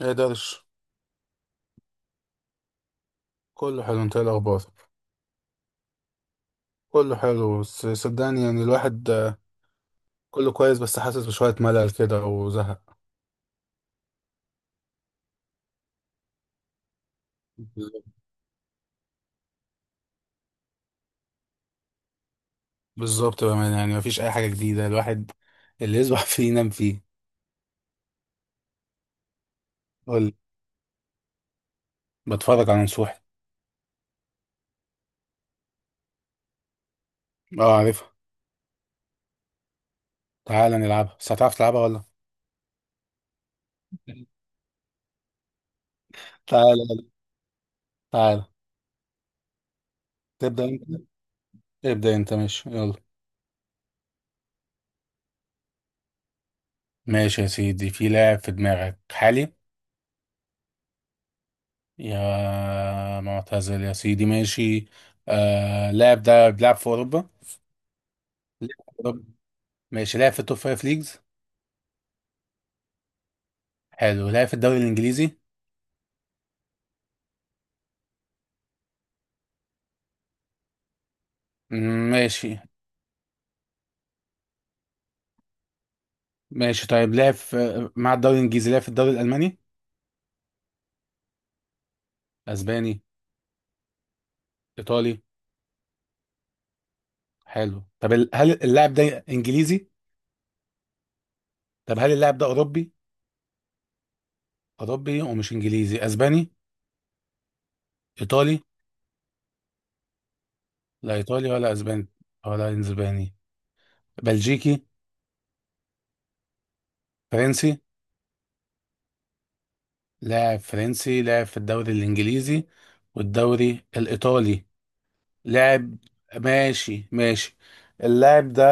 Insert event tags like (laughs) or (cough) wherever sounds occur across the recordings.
ايه درش؟ كله حلو، انت ايه الاخبار؟ كله حلو بس صدقني يعني الواحد كله كويس بس حاسس بشوية ملل كده وزهق. بالظبط بالظبط. بأمانة يعني مفيش اي حاجة جديدة. الواحد اللي يصبح (laughs) فيه ينام فيه. قول. بتفرج على نصوحي. اه عارفها. تعالى نلعبها، بس هتعرف تلعبها ولا؟ (laughs) تعالى يلا، تعالى. تبدأ انت. ابدأ انت، ماشي يلا. ماشي يا سيدي، في لاعب في دماغك حالي. يا معتزل يا سيدي، ماشي. آه، اللاعب ده بيلعب في أوروبا. ماشي، لعب في التوب فايف ليجز. حلو، لعب في الدوري الانجليزي. مم، ماشي. ماشي طيب، لعب في مع الدوري الانجليزي، لعب في الدوري الالماني. اسباني. ايطالي. حلو. طب هل اللاعب ده انجليزي؟ طب هل اللاعب ده اوروبي؟ اوروبي ومش انجليزي، اسباني. ايطالي. لا ايطالي ولا اسباني، ولا اسباني بلجيكي. فرنسي. لاعب فرنسي، لاعب في الدوري الانجليزي والدوري الايطالي، لاعب. ماشي ماشي. اللاعب ده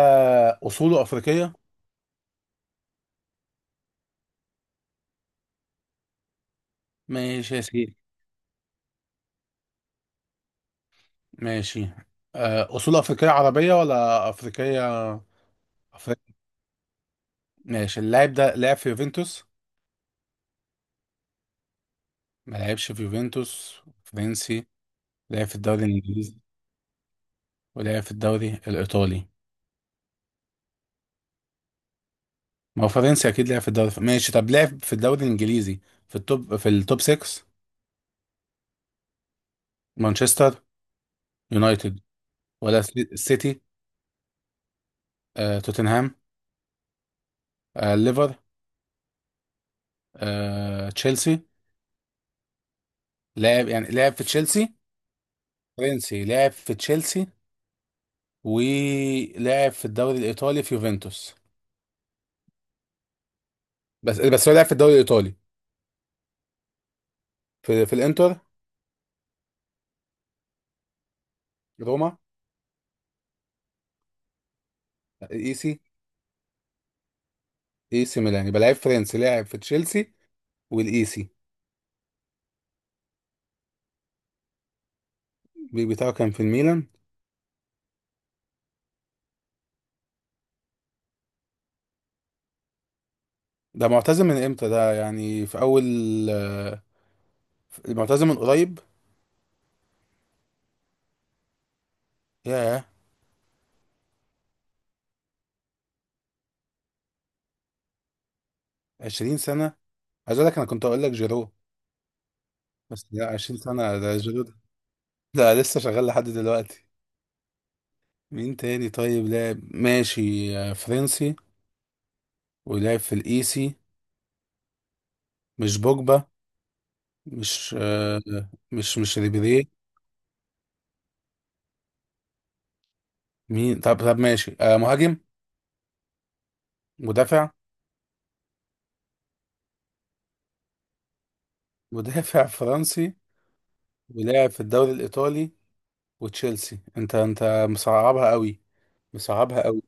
اصوله افريقيه. ماشي يا سيدي، ماشي. أصول أفريقية عربية ولا أفريقية؟ أفريقية. ماشي، اللاعب ده لعب في يوفنتوس. ما لعبش في يوفنتوس فرنسي، لعب في الدوري الإنجليزي ولعب في الدوري الإيطالي. ما هو فرنسي أكيد لعب في الدوري، ماشي. طب لعب في الدوري الإنجليزي في التوب 6. مانشستر يونايتد. ولا سيتي؟ توتنهام؟ ليفر؟ تشيلسي؟ لعب يعني لعب في تشيلسي. فرنسي لعب في تشيلسي، ولعب في الدوري الايطالي في يوفنتوس. بس هو لعب في الدوري الايطالي. في الانتر. روما. ايسي. ايسي ميلان، يبقى لعيب فرنسي لعب في تشيلسي والايسي. بتاعه كان في الميلان. ده معتزل من امتى ده؟ يعني في اول، آه، معتزل من قريب؟ ياه. 20 سنه؟ عايز اقول لك انا كنت اقول لك جيرو. بس لا، 20 سنه ده، جيرو ده لا، لسه شغال لحد دلوقتي. مين تاني؟ طيب لعب، ماشي، فرنسي ولعب في الايسي. مش بوجبا. مش آه، مش ريبيري. مين؟ طب طب ماشي، مهاجم؟ مدافع. مدافع فرنسي ولاعب في الدوري الإيطالي وتشيلسي. انت مصعبها قوي. مصعبها قوي.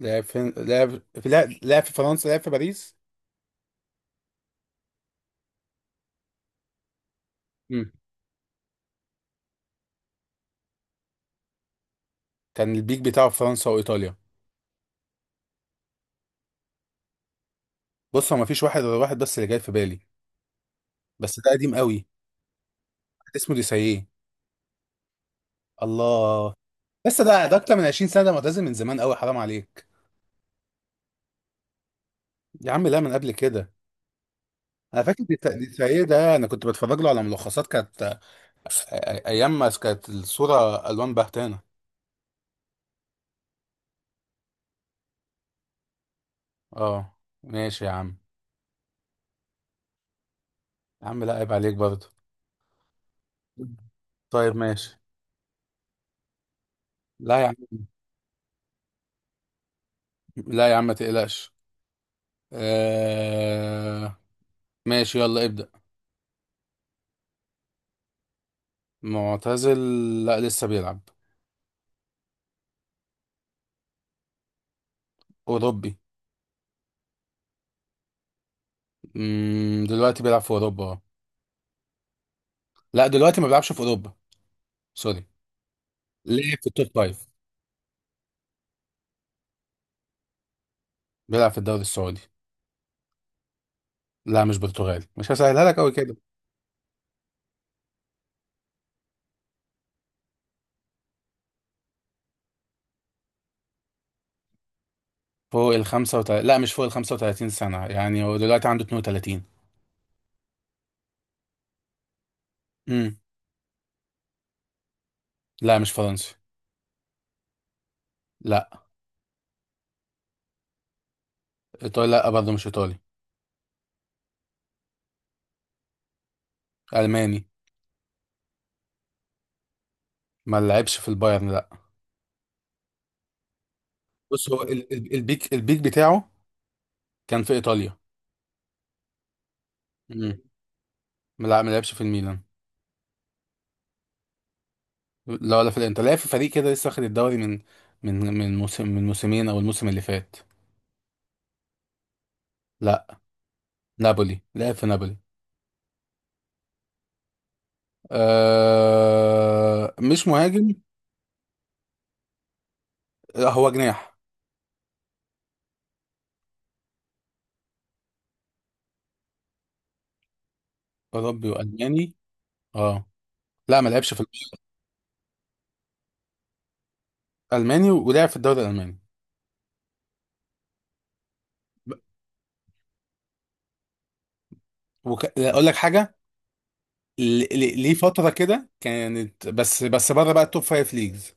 لاعب في فرنسا، لاعب في باريس. مم. كان البيك بتاعه في فرنسا وإيطاليا. بص، هو مفيش واحد غير واحد بس اللي جاي في بالي، بس ده قديم قوي. واحد اسمه ديساييه. الله. لسه؟ ده اكتر من 20 سنة ده، معتزل من زمان قوي، حرام عليك. يا عم لا، من قبل كده. انا فاكر دي السيد ده، انا كنت بتفرج له على ملخصات كانت، ايام ما كانت الصوره الوان بهتانه. اه ماشي يا عم. يا عم لا، عيب عليك برضه. طيب ماشي. لا يا عم، لا يا عم ما تقلقش. آه... ماشي يلا ابدأ. معتزل؟ لا لسه بيلعب. أوروبي. دلوقتي بيلعب في أوروبا اه. لا دلوقتي ما بيلعبش في أوروبا، سوري. ليه، في التوب فايف؟ بيلعب في الدوري السعودي. لا مش برتغالي، مش هسهلها لك أوي كده. فوق ال 35؟ لا مش فوق ال 35 سنة، يعني هو دلوقتي عنده 32. امم. لا مش فرنسي. لا. ايطالي لا برضه مش ايطالي. الماني. ما لعبش في البايرن لا. بص هو البيك بتاعه كان في ايطاليا. امم. لا ما لعبش في الميلان. لا ولا في الانتر، لعب في فريق كده لسه واخد الدوري من موسم من موسمين او الموسم اللي فات. لا. نابولي، لعب في نابولي. آه مش مهاجم. لا، هو جناح. اوروبي والماني. اه. لا ما لعبش في الماني ولعب في الدوري الالماني. ب- اقول لك حاجه، ليه فتره كده كانت، بس بره بقى التوب فايف ليجز.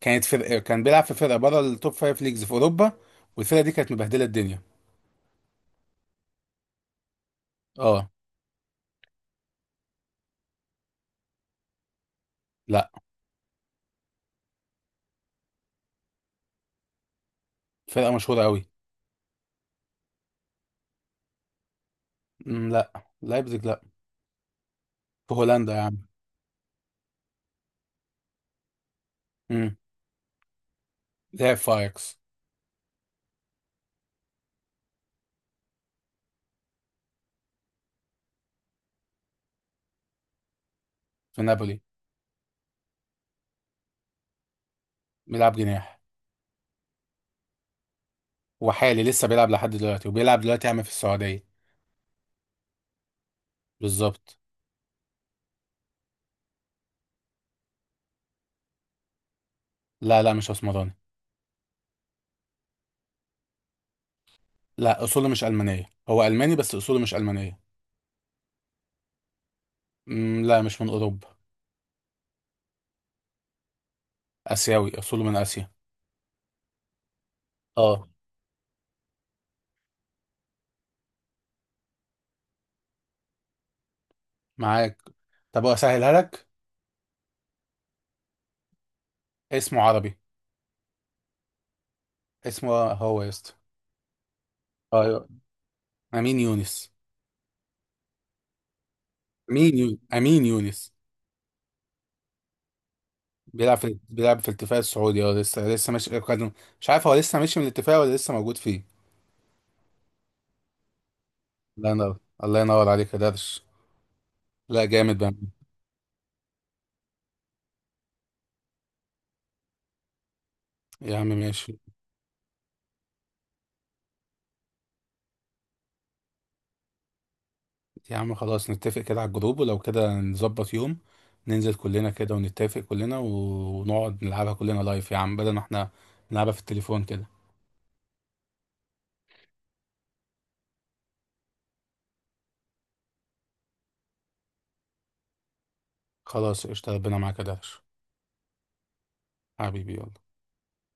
كانت فرقه كان بيلعب في فرقه بره التوب فايف ليجز في اوروبا، والفرقه دي كانت مبهدله الدنيا. اه. لا، فرقه مشهوره قوي. مم، لا لايبزيج لا. في هولندا يا عم. امم. لعب في اياكس. في نابولي. بيلعب جناح. وحالي لسه بيلعب لحد دلوقتي، وبيلعب دلوقتي يا عم في السعوديه. بالظبط. لا لا مش اسمراني. لا اصوله مش المانيه، هو الماني بس اصوله مش المانيه. مم، لا مش من اوروبا. اسيوي، اصوله من اسيا. اه. معاك. طب اسهلها لك. اسمه عربي. اسمه هو يا اسطى. ايوه. امين يونس. امين يونس، امين يونس. بيلعب في الاتفاق السعودي اه. لسه مش مش عارف هو لسه ماشي من الاتفاق ولا لسه موجود فيه. الله ينور. الله ينور عليك يا درش. لا جامد بقى. يا عم ماشي. يا عم خلاص، نتفق كده على الجروب، ولو كده نظبط يوم ننزل كلنا كده، ونتفق كلنا ونقعد نلعبها كلنا لايف يا عم، بدل ما احنا نلعبها في التليفون كده. خلاص، قشطة، ربنا معاك يا درش. حبيبي يلا.